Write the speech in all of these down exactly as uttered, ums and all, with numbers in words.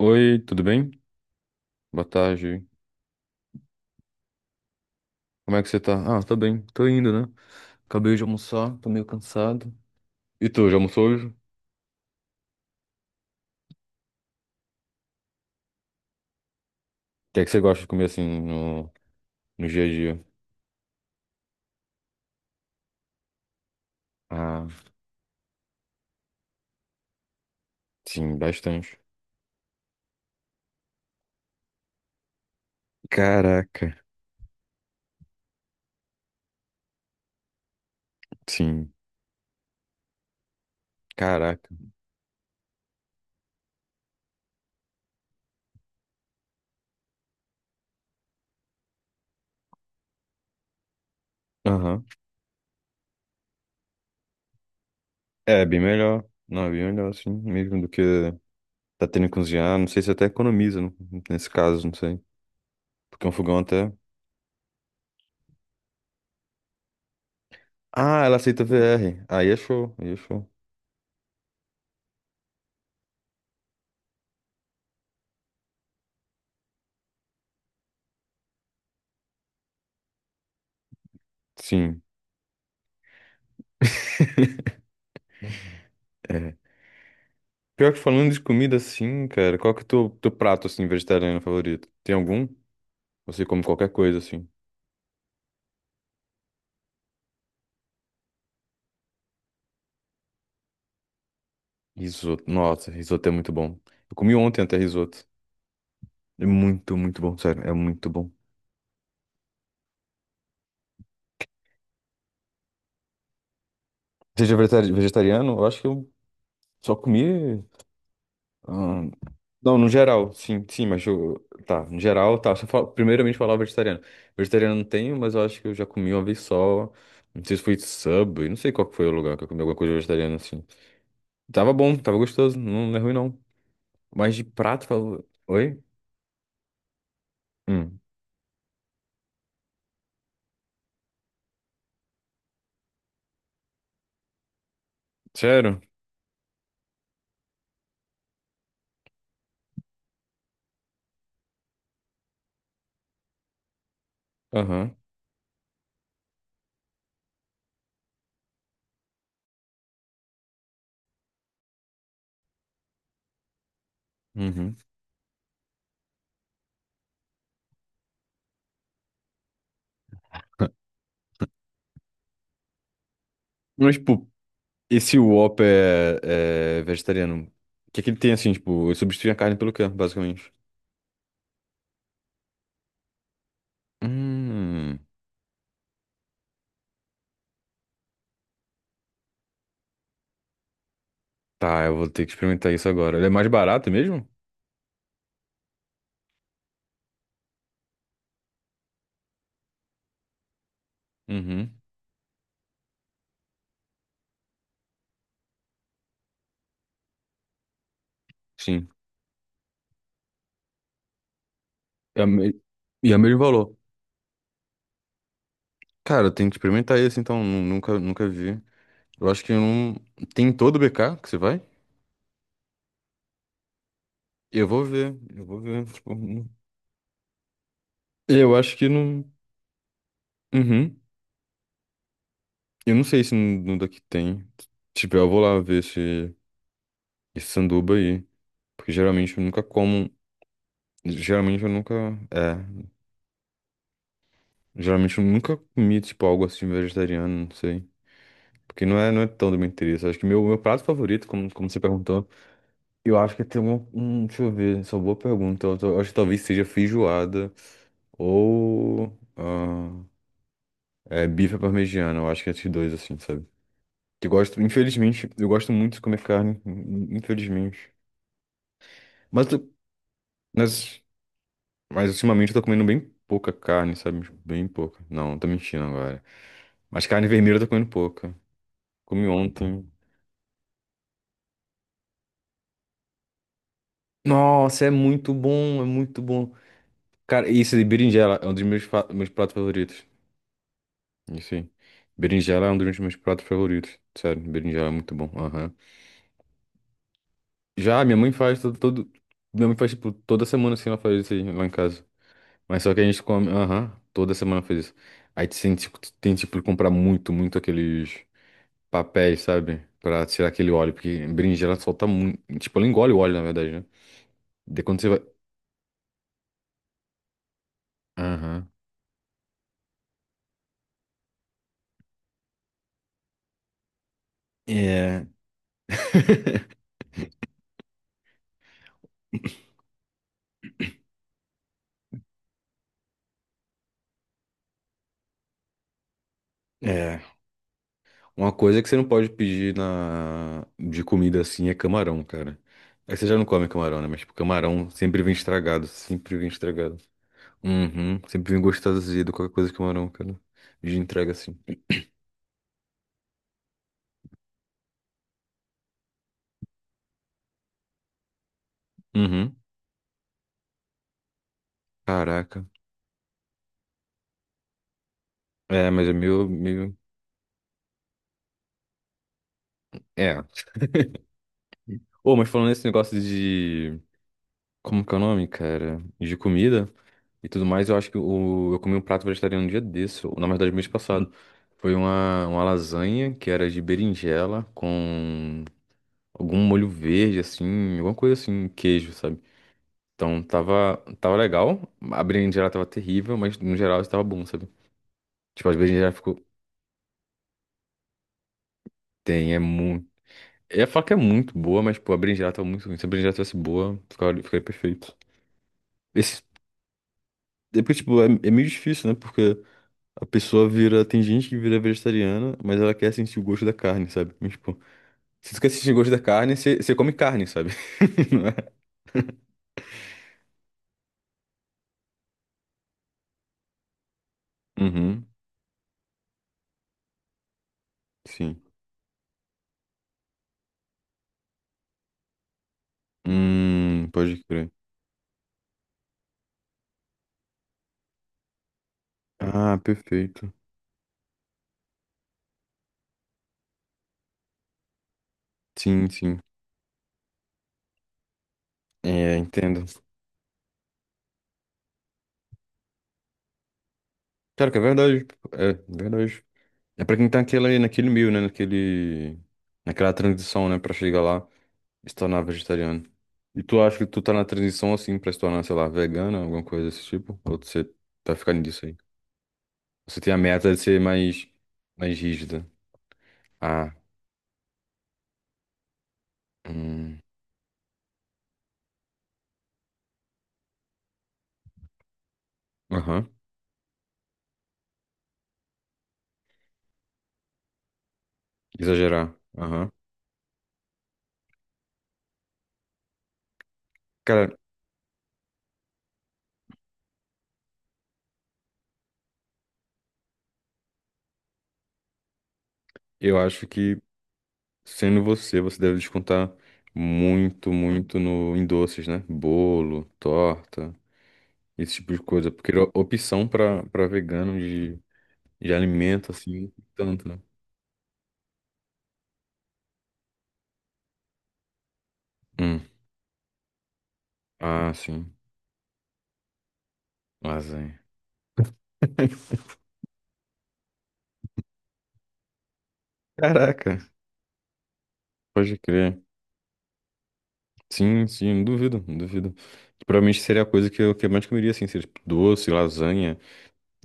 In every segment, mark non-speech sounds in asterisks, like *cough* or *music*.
Oi, tudo bem? Boa tarde. Como é que você tá? Ah, tá bem. Tô indo, né? Acabei de almoçar, tô meio cansado. E tu, já almoçou hoje? O que é que você gosta de comer assim no, no dia a dia? Ah, sim, bastante. Caraca. Sim, caraca. Aham. É, bem melhor. Não, é bem melhor assim, mesmo do que tá tendo que cozinhar. Não sei se até economiza, né? Nesse caso, não sei. Porque um fogão até. Ah, ela aceita V R. Aí é show, aí é show. Sim. É. Pior que falando de comida assim, cara, qual que é o teu, teu prato assim vegetariano favorito? Tem algum? Você come qualquer coisa assim. Risoto. Nossa, risoto é muito bom. Eu comi ontem até risoto. É muito, muito bom, sério, é muito bom. Seja vegetari- vegetariano, eu acho que eu só comi. ah, Não, no geral, sim, sim, mas eu. Tá, no geral, tá. Só fal- primeiramente falar o vegetariano. Vegetariano não tenho, mas eu acho que eu já comi uma vez só. Não sei se foi sub, não sei qual que foi o lugar que eu comi alguma coisa vegetariana assim. Tava bom, tava gostoso, não, não é ruim não. Mas de prato, falou. Oi? Hum. Sério? Aham. Uhum. Mas, tipo, esse Whopper é, é vegetariano. O que é que ele tem assim, tipo, ele substitui a carne pelo quê, basicamente? Hum. Tá, eu vou ter que experimentar isso agora. Ele é mais barato mesmo? Uhum. Sim. É o me- E é o mesmo valor. Cara, eu tenho que experimentar esse, então. nu- Nunca, nunca vi. Eu acho que eu não. Tem em todo o B K que você vai? Eu vou ver. Eu vou ver. Tipo, eu acho que não. Uhum. Eu não sei se no no daqui tem. Tipo, eu vou lá ver esse, esse sanduba aí. Porque geralmente eu nunca como. Geralmente eu nunca. É. Geralmente eu nunca comi, tipo, algo assim vegetariano, não sei. Porque não é, não é tão do meu interesse. Acho que meu, meu prato favorito, como, como você perguntou, eu acho que tem um. Hum, deixa eu ver, só boa pergunta. Eu, tô- eu acho que talvez seja feijoada ou. Ah, é, bife à parmegiana. Eu acho que é esses dois, assim, sabe? Que eu gosto, infelizmente, eu gosto muito de comer carne, in- infelizmente. Mas Mas, mas ultimamente eu tô comendo bem pouca carne, sabe? Tipo, bem pouca. Não, tô mentindo agora. Mas carne vermelha eu tô comendo pouca. Comi ontem. Nossa, é muito bom, é muito bom. Cara, isso de berinjela é um dos meus, fa- meus pratos favoritos. Isso aí. Berinjela é um dos meus pratos favoritos. Sério, berinjela é muito bom. Aham. Já, minha mãe faz todo, todo- Minha mãe faz, tipo, toda semana assim, ela faz isso aí lá em casa. Mas só que a gente come. Aham, toda semana faz isso. Aí tem, tipo, tem, tipo, de comprar muito, muito aqueles papéis, sabe? Pra tirar aquele óleo, porque berinjela ela solta muito. Tipo, ela engole o óleo, na verdade, né? De quando você vai. Aham. É. *laughs* É. Uma coisa que você não pode pedir na de comida assim é camarão, cara. Aí você já não come camarão, né? Mas, tipo, camarão sempre vem estragado, sempre vem estragado. Uhum. Sempre vem gostoso azedo, qualquer coisa de camarão, cara. De entrega assim. Uhum. Caraca. É, mas é meio, meio. É. Ô, mas falando nesse negócio de. Como que é o nome, cara? De comida e tudo mais. Eu acho que o, eu comi um prato vegetariano um dia desse, ou, na verdade, mês passado. Foi uma, uma lasanha que era de berinjela com algum molho verde, assim, alguma coisa assim, queijo, sabe? Então tava, tava legal, a berinjela tava terrível, mas no geral estava bom, sabe? Tipo, a berinjela ficou. Tem, é muito. Eu ia falar que é muito boa, mas, pô, a berinjela tava muito ruim. Se a berinjela tivesse boa, ficaria, ficaria perfeito. Esse, é porque, tipo, é, é meio difícil, né? Porque. A pessoa vira. Tem gente que vira vegetariana, mas ela quer sentir o gosto da carne, sabe? Mas, tipo, se tu quer sentir o gosto da carne, você você come carne, sabe? *laughs* Não é? Uhum, sim. Hum, pode crer. Ah, perfeito. Sim, sim. É, entendo. Claro que é verdade. Tipo, é verdade. É pra quem tá naquela, naquele meio, né? Naquele, naquela transição, né? Pra chegar lá e se tornar vegetariano. E tu acha que tu tá na transição, assim, pra se tornar, sei lá, vegana, alguma coisa desse tipo? Ou você tá ficando nisso aí? Você tem a meta de ser mais, mais rígida. Ah, hum, aham. Exagerar. Aham. Cara, eu acho que sendo você, você deve descontar muito, muito no, em doces, né? Bolo, torta, esse tipo de coisa. Porque o- opção pra, pra vegano de, de alimento, assim, tanto, né? Hum. Ah, sim. Lasanha. Caraca, pode crer. Sim, sim, não duvido, não duvido. Provavelmente seria a coisa que eu, que eu mais comeria, assim, seria tipo, doce, lasanha.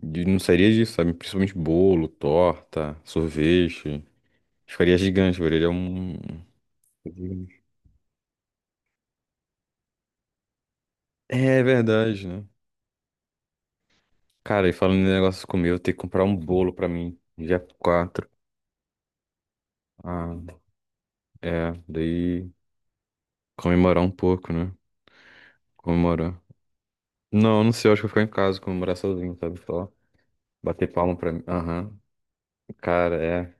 De não sairia disso, sabe? Principalmente bolo, torta, sorvete. Ficaria gigante, velho. Ele é um. É verdade, né? Cara, e falando em negócio de comer, eu vou ter que comprar um bolo pra mim, dia quatro. Ah, é. Daí comemorar um pouco, né? Comemorar. Não, não sei, eu acho que eu vou ficar em casa, comemorar sozinho, sabe? Só bater palma pra mim. Aham. Cara, é.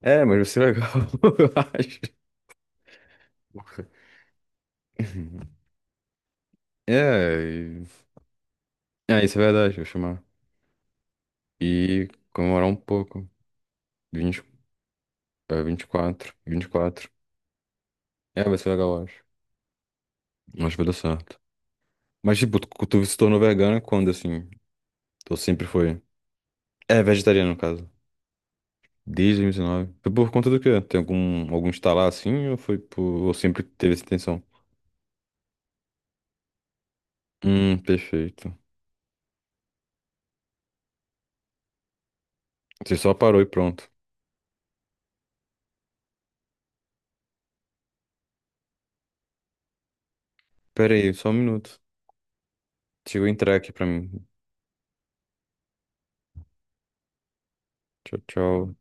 É, mas vai ser legal, *laughs* eu acho. É, e- é, isso é verdade, vou chamar. E comemorar um pouco. vinte é, vinte e quatro, vinte e quatro. É, vai ser legal, eu acho. Acho que vai dar certo. Mas, tipo, tu, tu se tornou vegana quando, assim? Tu sempre foi... É, vegetariano, no caso. Desde dois mil e dezenove. Foi por conta do quê? Tem algum, algum estalar assim? Ou foi por... Ou sempre teve essa intenção? Hum, perfeito. Você só parou e pronto. Pera aí, só um minuto. Chegou a entrar aqui pra mim. Tchau, tchau.